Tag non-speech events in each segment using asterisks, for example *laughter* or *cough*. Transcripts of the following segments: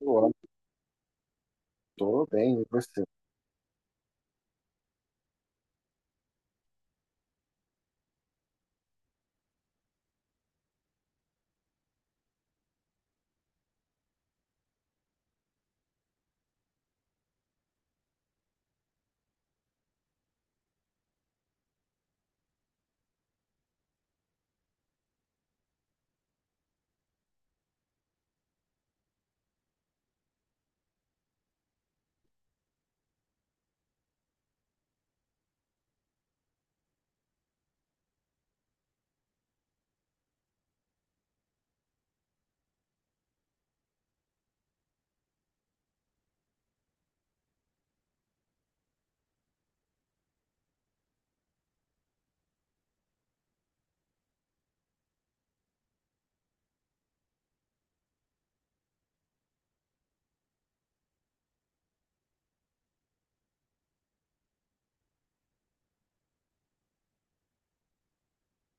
Eu tô bem, e você?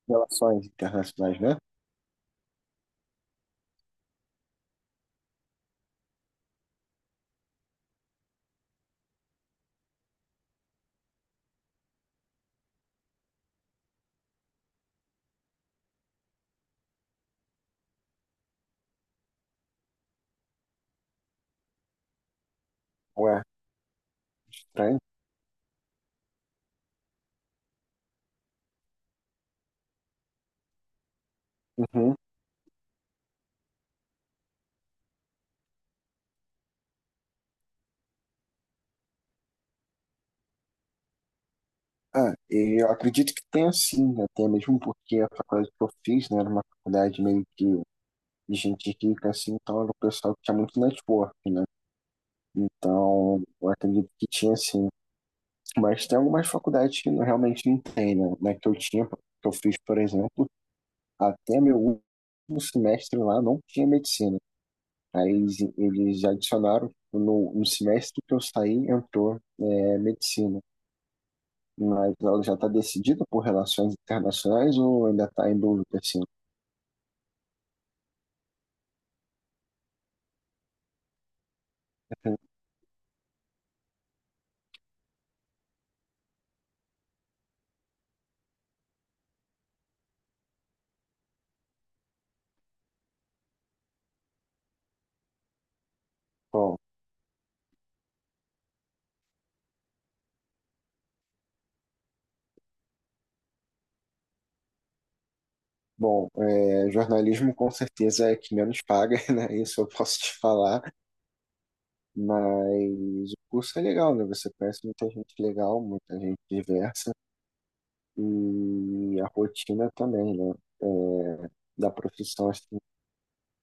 Relações internacionais, né? Ué, estranho. Uhum. Ah, e eu acredito que tenha sim, né? Tem mesmo porque a faculdade que eu fiz, né, era uma faculdade meio que de gente rica, assim, então era o pessoal que tinha muito network, né? Então, eu acredito que tinha sim. Mas tem algumas faculdades que realmente não tem, né? Na que eu tinha, que eu fiz, por exemplo, até meu último semestre lá não tinha medicina. Aí eles adicionaram, no semestre que eu saí, entrou medicina. Mas ela já está decidida por relações internacionais ou ainda está em dúvida, assim? Bom, bom, é, jornalismo com certeza é que menos paga, *laughs* né? Isso eu posso te falar, mas o curso é legal, né? Você conhece muita gente legal, muita gente diversa e a rotina também, né? É, da profissão assim,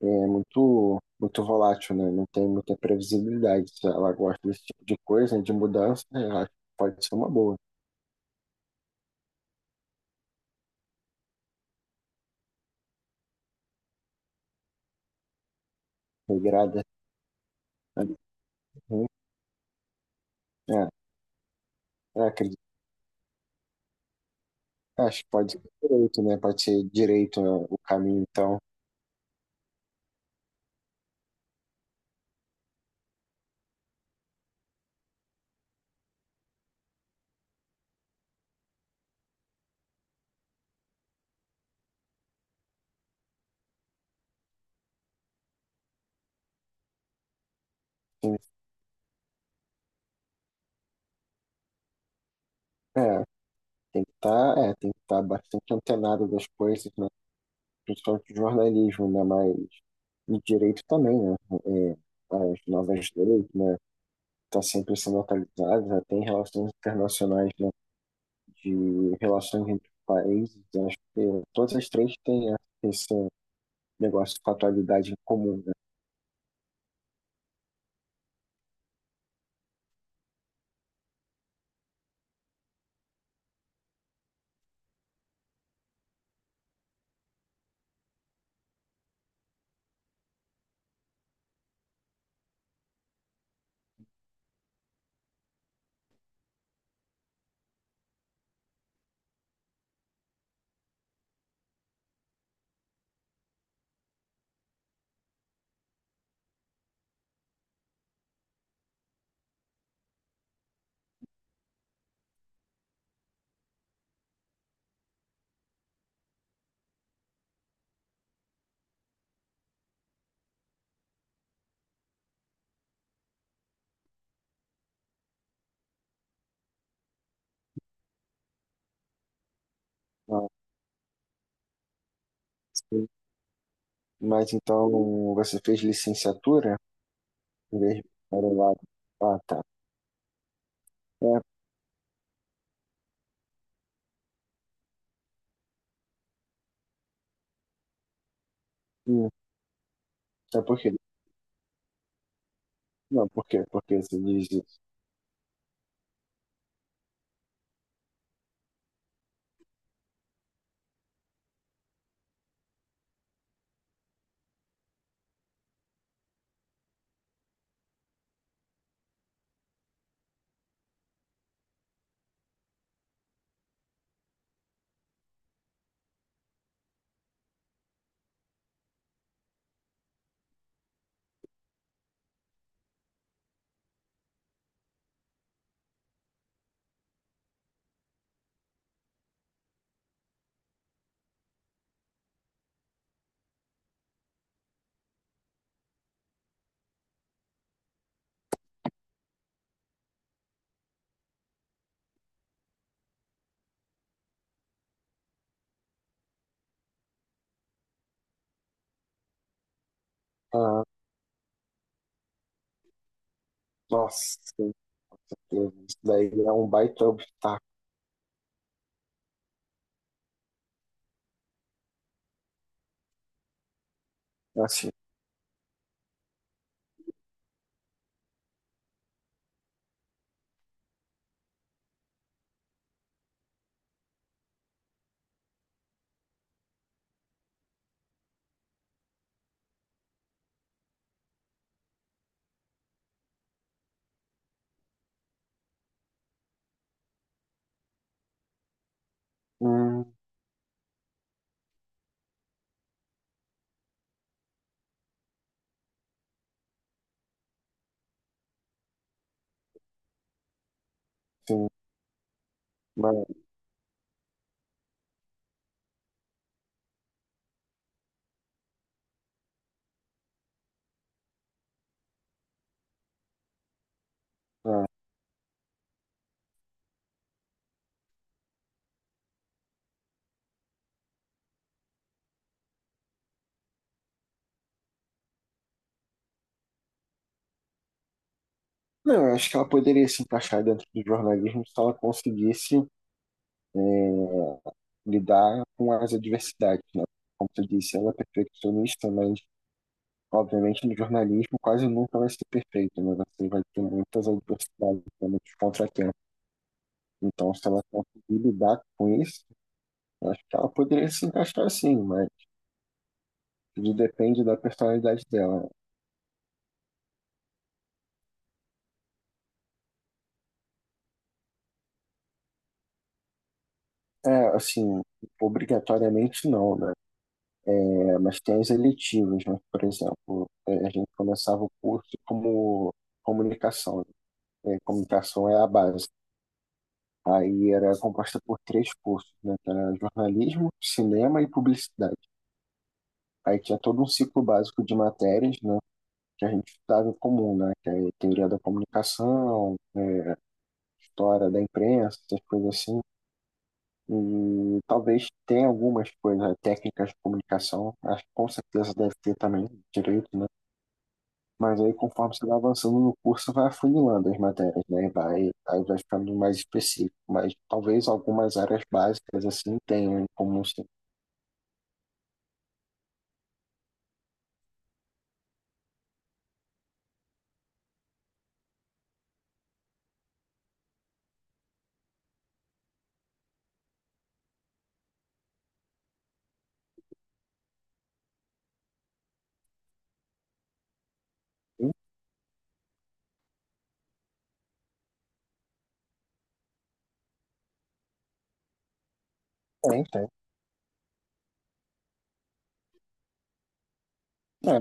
é muito, muito volátil, né? Não tem muita previsibilidade. Se ela gosta desse tipo de coisa, né de mudança, né, eu acho que pode ser uma boa. Regrada, né? Uhum. É, eu acredito. Acho que pode ser direito, né? Pode ser direito, né, o caminho, então. Sim, é, tem que estar bastante antenado das coisas, né? Principalmente o jornalismo, né? Mas e direito também, né? É, as novas leis, né? Tá sempre sendo atualizadas, até em relações internacionais, né? De relações entre países, né, acho que todas as três têm né, esse negócio com a atualidade em comum, né? Ah, sim. Mas então você fez licenciatura em vez de para lado. Ah, tá. É, hum, é porque. Não, por quê? Porque você diz isso. Ah, nossa, isso daí é um baita obstáculo. Assim, hum, sim, mas, ah, não, eu acho que ela poderia se encaixar dentro do jornalismo se ela conseguisse eh, lidar com as adversidades, né? Como tu disse, ela é perfeccionista, mas obviamente no jornalismo quase nunca vai ser perfeito, né? Você vai ter muitas adversidades, né, muitos contratempos. Então, se ela conseguir lidar com isso, eu acho que ela poderia se encaixar assim mas tudo depende da personalidade dela. É, assim, obrigatoriamente não, né? É, mas tem as eletivas, né? Por exemplo, a gente começava o curso como comunicação. Né? É, comunicação é a base. Aí era composta por três cursos, né? Que era jornalismo, cinema e publicidade. Aí tinha todo um ciclo básico de matérias, né? Que a gente estudava em comum, né? Que é teoria da comunicação, né, história da imprensa, essas coisas assim. E talvez tenha algumas coisas, né, técnicas de comunicação, acho que com certeza deve ter também direito, né? Mas aí, conforme você vai avançando no curso, vai afunilando as matérias, né? Aí vai ficando mais específico. Mas talvez algumas áreas básicas, assim, tenham em comum. Sim. Hum. Tem, tem. É,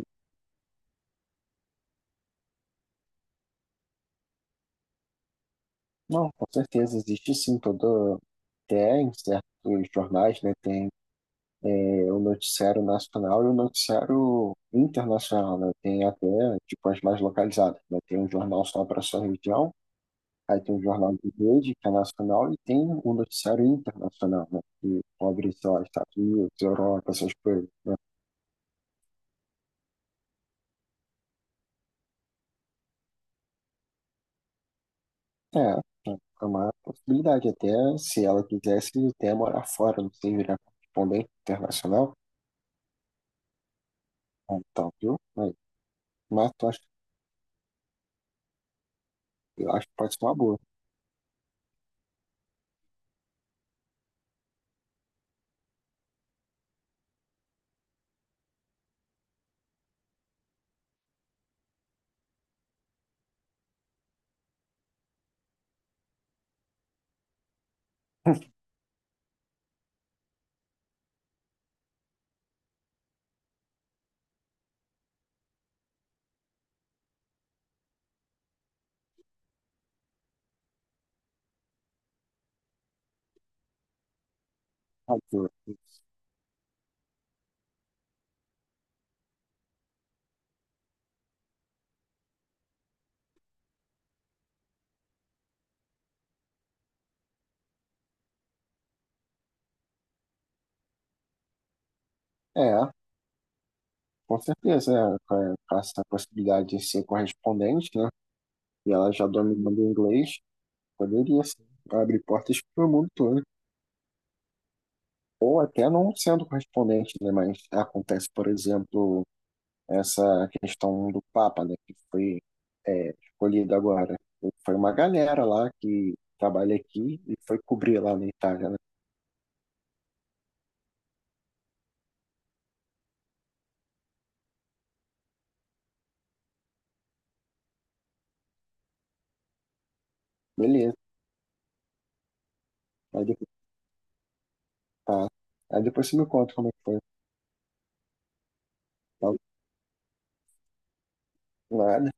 não, com certeza. Existe, sim, todo... Até em certos jornais, né? Tem o noticiário nacional e o noticiário internacional, né? Tem até, tipo, as mais localizadas, né? Tem um jornal só para sua região. Aí tem o jornal de rede, que é nacional, e tem o noticiário internacional, né? Que cobre, sei lá, Estados Unidos, Europa, essas coisas. É, é uma possibilidade. Até se ela quisesse, até morar fora, não sei, virar correspondente internacional. Ah, então, viu? Mas eu acho que pode ser uma boa. Ah, viu? É, com certeza, com essa possibilidade de ser correspondente, né? E ela já dominando o inglês, poderia, sim, abrir portas para o mundo todo. Ou até não sendo correspondente, né? Mas acontece, por exemplo, essa questão do Papa, né? Que foi escolhido agora. Foi uma galera lá que trabalha aqui e foi cobrir lá na Itália, né? Beleza. Aí depois, tá. Aí depois você me conta como é que foi. Tá?